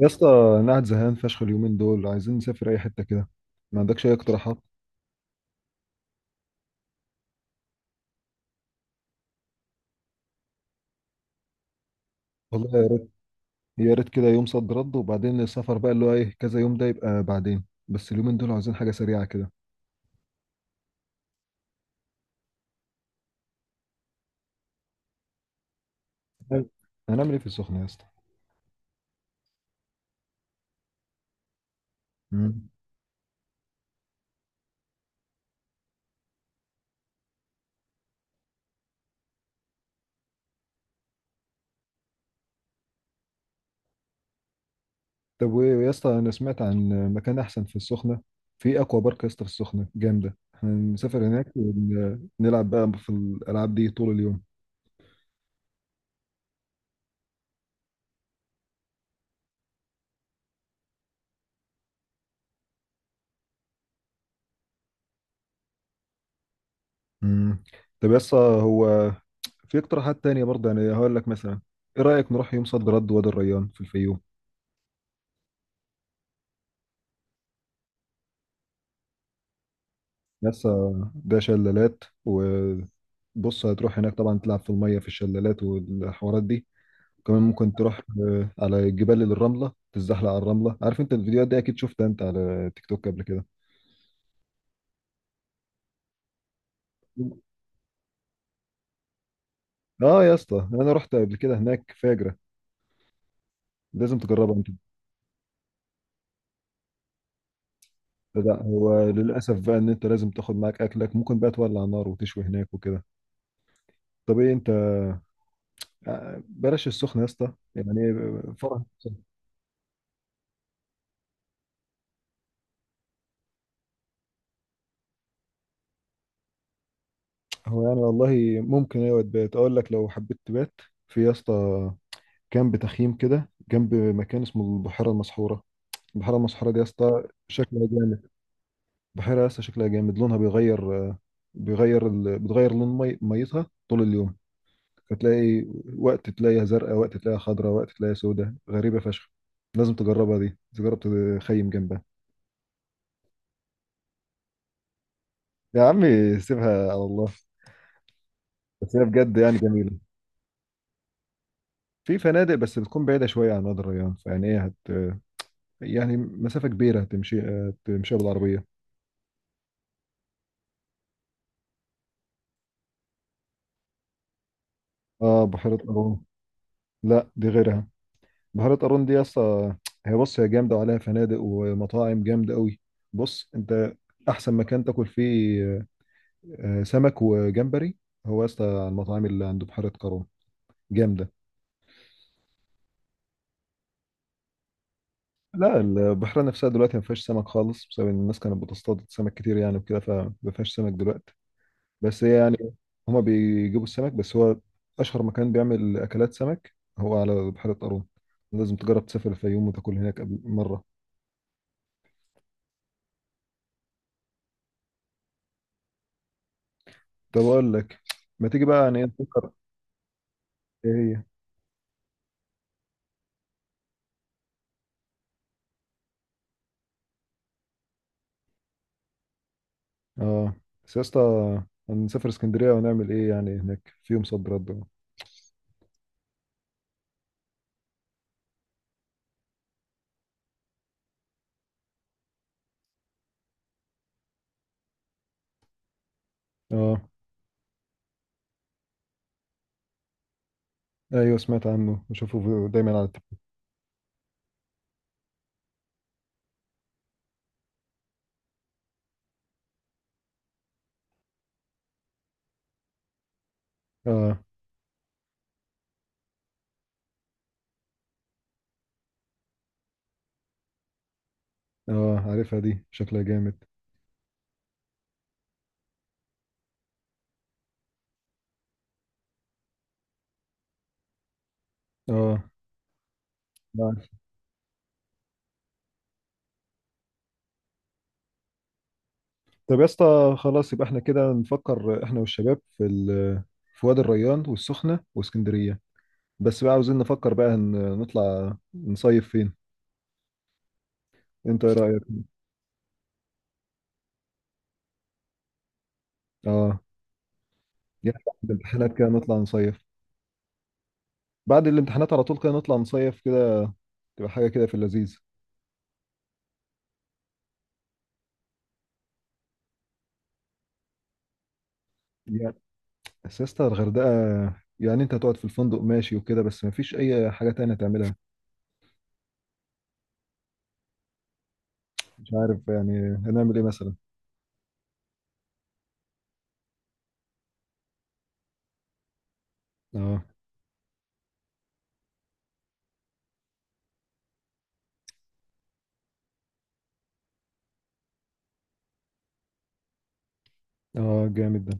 يا اسطى، انا قاعد زهقان فشخ. اليومين دول عايزين نسافر اي حته كده. ما عندكش اي اقتراحات؟ والله يا ريت. يا ريت كده يوم صد رد، وبعدين السفر بقى اللي هو ايه كذا يوم، ده يبقى بعدين. بس اليومين دول عايزين حاجه سريعه كده. هن- هنعمل ايه في السخنه يا اسطى؟ مم. طب وايه يا اسطى، انا سمعت عن مكان احسن في السخنه، في اكوا بارك يا اسطى في السخنه جامده. هنسافر هناك ونلعب بقى في الالعاب دي طول اليوم. مم. طب يا اسطى، في اقتراحات تانية برضه؟ يعني هقول لك مثلا ايه رايك نروح يوم صد رد وادي الريان في الفيوم؟ بس ده شلالات، وبص هتروح هناك طبعا تلعب في المية في الشلالات والحوارات دي. وكمان ممكن تروح على جبال الرملة، تتزحلق على الرملة. عارف انت الفيديوهات دي اكيد شفتها انت على تيك توك قبل كده. اه يا اسطى، انا رحت قبل كده هناك، فاجرة. لازم تجربها انت. لا هو للأسف بقى ان انت لازم تاخد معاك اكلك. ممكن بقى تولع نار وتشوي هناك وكده. طب ايه انت، بلاش السخنة يا اسطى يعني، فرح. هو يعني والله ممكن، ايوه تبات. اقول لك لو حبيت تبات، في يا اسطى كامب تخييم كده جنب مكان اسمه البحيره المسحوره. البحيره المسحوره دي يا اسطى شكلها جامد. بحيره يا اسطى شكلها جامد، لونها بيغير. بتغير لون ميتها طول اليوم. فتلاقي وقت تلاقيها زرقاء، وقت تلاقيها خضراء، وقت تلاقيها سوداء، غريبه فشخ. لازم تجربها دي، تجرب تخيم جنبها. يا عمي سيبها على الله، بس هي بجد يعني جميله. في فنادق بس بتكون بعيده شويه عن وادي الريان، فيعني ايه هت، يعني مسافة كبيرة تمشي، تمشيها بالعربية. اه، بحيرة قارون. لا دي غيرها. بحيرة قارون دي اصلا هي، بص هي جامدة، وعليها فنادق ومطاعم جامدة قوي. بص انت احسن مكان تاكل فيه سمك وجمبري هو اصلا على المطاعم اللي عند بحيرة قارون. جامدة. لا البحيرة نفسها دلوقتي ما فيهاش سمك خالص، بسبب ان الناس كانت بتصطاد سمك كتير يعني وكده، فما فيهاش سمك دلوقتي. بس يعني هما بيجيبوا السمك، بس هو اشهر مكان بيعمل اكلات سمك هو على بحيرة قارون. لازم تجرب تسافر الفيوم وتاكل هناك قبل مرة. طب اقول لك، ما تيجي بقى يعني إيه نفكر. ايه هي؟ اه، بس يا اسطى هنسافر اسكندرية ونعمل ايه يعني هناك في يوم صد رد؟ اه، ايوه سمعت عنه، دايما على التلفزيون. اه. اه عارفها، دي شكلها جامد. اه. عارف. طب يا اسطى خلاص، يبقى احنا كده نفكر احنا والشباب في في وادي الريان والسخنة واسكندرية. بس بقى عاوزين نفكر بقى، نطلع نصيف فين؟ انت ايه رأيك؟ اه، يعني بعد الامتحانات كده نطلع نصيف. بعد الامتحانات على طول كده نطلع نصيف كده، تبقى حاجة كده في اللذيذ. يعني سياسة الغردقة، يعني انت هتقعد في الفندق ماشي وكده، بس مفيش اي حاجة تانية تعملها. مش عارف يعني هنعمل ايه مثلا. اه. اه جامد ده.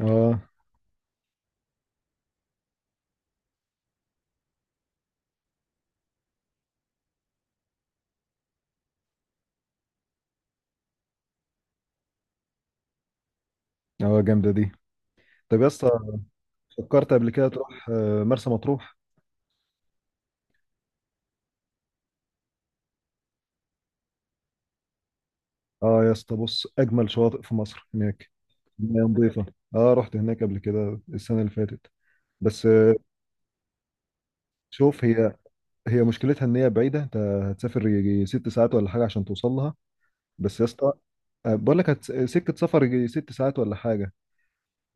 اه. اه جامدة دي. طب يا اسطى، فكرت قبل كده تروح مرسى مطروح؟ اه يا اسطى بص اجمل شواطئ في مصر هناك. مياه نظيفة. اه رحت هناك قبل كده السنة اللي فاتت. بس شوف هي، هي مشكلتها ان هي بعيدة. انت هتسافر يجي ست ساعات ولا حاجة عشان توصل لها. بس يا اسطى بقول لك سكة سفر يجي ست ساعات ولا حاجة.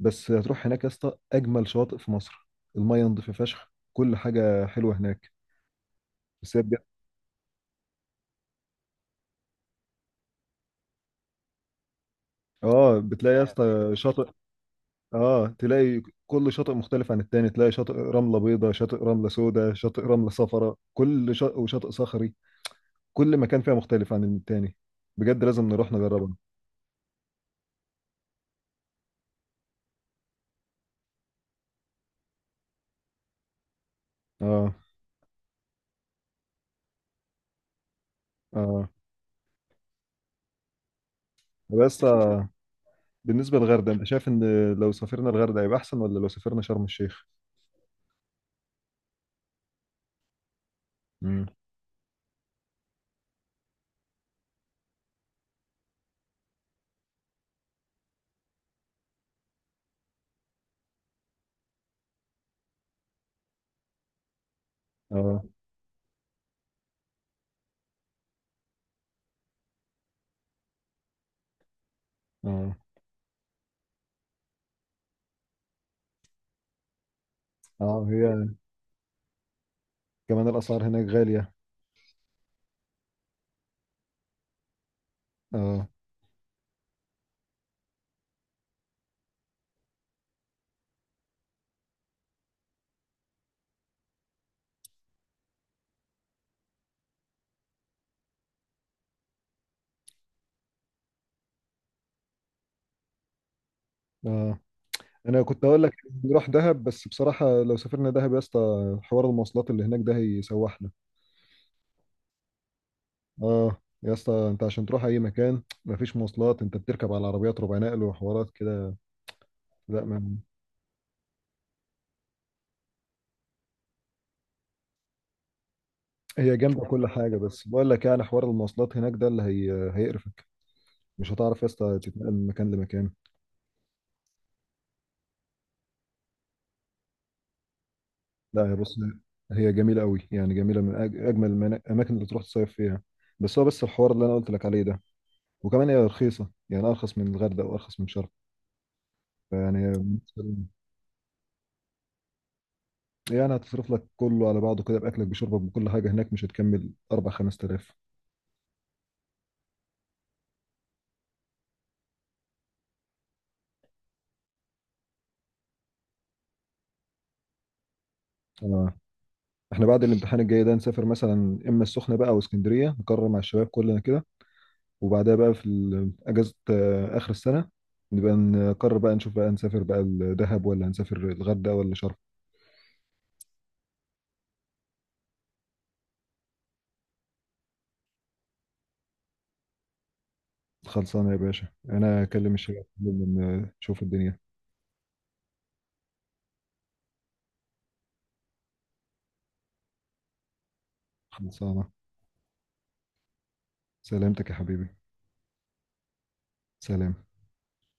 بس هتروح هناك يا اسطى، اجمل شواطئ في مصر، المية نظيفة فشخ، كل حاجة حلوة هناك. بس هي بجد- اه، بتلاقي يا اسطى شاطئ. اه، تلاقي كل شاطئ مختلف عن التاني. تلاقي شاطئ رملة بيضاء، شاطئ رملة سوداء، شاطئ رملة صفراء، كل شاطئ، وشاطئ صخري. كل مكان فيها مختلف عن التاني. بجد لازم نروح نجربها. اه. اه بس آه. بالنسبة للغردقة، انت شايف ان لو سافرنا الغردقة هيبقى احسن، ولا لو سافرنا شرم الشيخ؟ امم. اه. اه. اه هي، كمان الاسعار هناك غالية. اه. اه، انا كنت اقول لك نروح دهب، بس بصراحة لو سافرنا دهب يا اسطى، حوار المواصلات اللي هناك ده هيسوحنا. اه يا اسطى، انت عشان تروح اي مكان مفيش مواصلات. انت بتركب على عربيات ربع نقل وحوارات كده. لا ما هي جنب كل حاجة، بس بقول لك يعني حوار المواصلات هناك ده اللي هي هيقرفك. مش هتعرف يا اسطى تتنقل من مكان لمكان. لا هي بص، هي جميلة قوي، يعني جميلة من أجمل الأماكن اللي تروح تصيف فيها. بس هو بس الحوار اللي أنا قلت لك عليه ده. وكمان هي رخيصة، يعني أرخص من الغردقة وأرخص من شرم. فيعني بالنسبة لي- يعني هتصرف لك كله على بعضه كده، بأكلك بشربك بكل حاجة هناك، مش هتكمل 4 5000. آه. احنا بعد الامتحان الجاي ده نسافر مثلا إما السخنة بقى أو اسكندرية، نقرر مع الشباب كلنا كده. وبعدها بقى في اجازه اخر السنه، نبقى نقرر بقى، نشوف بقى، نسافر بقى الدهب ولا هنسافر الغردقه ولا شرم. خلصانه يا باشا، انا اكلم الشباب كلهم، نشوف الدنيا. خلصانه. سلامتك يا حبيبي. سلام.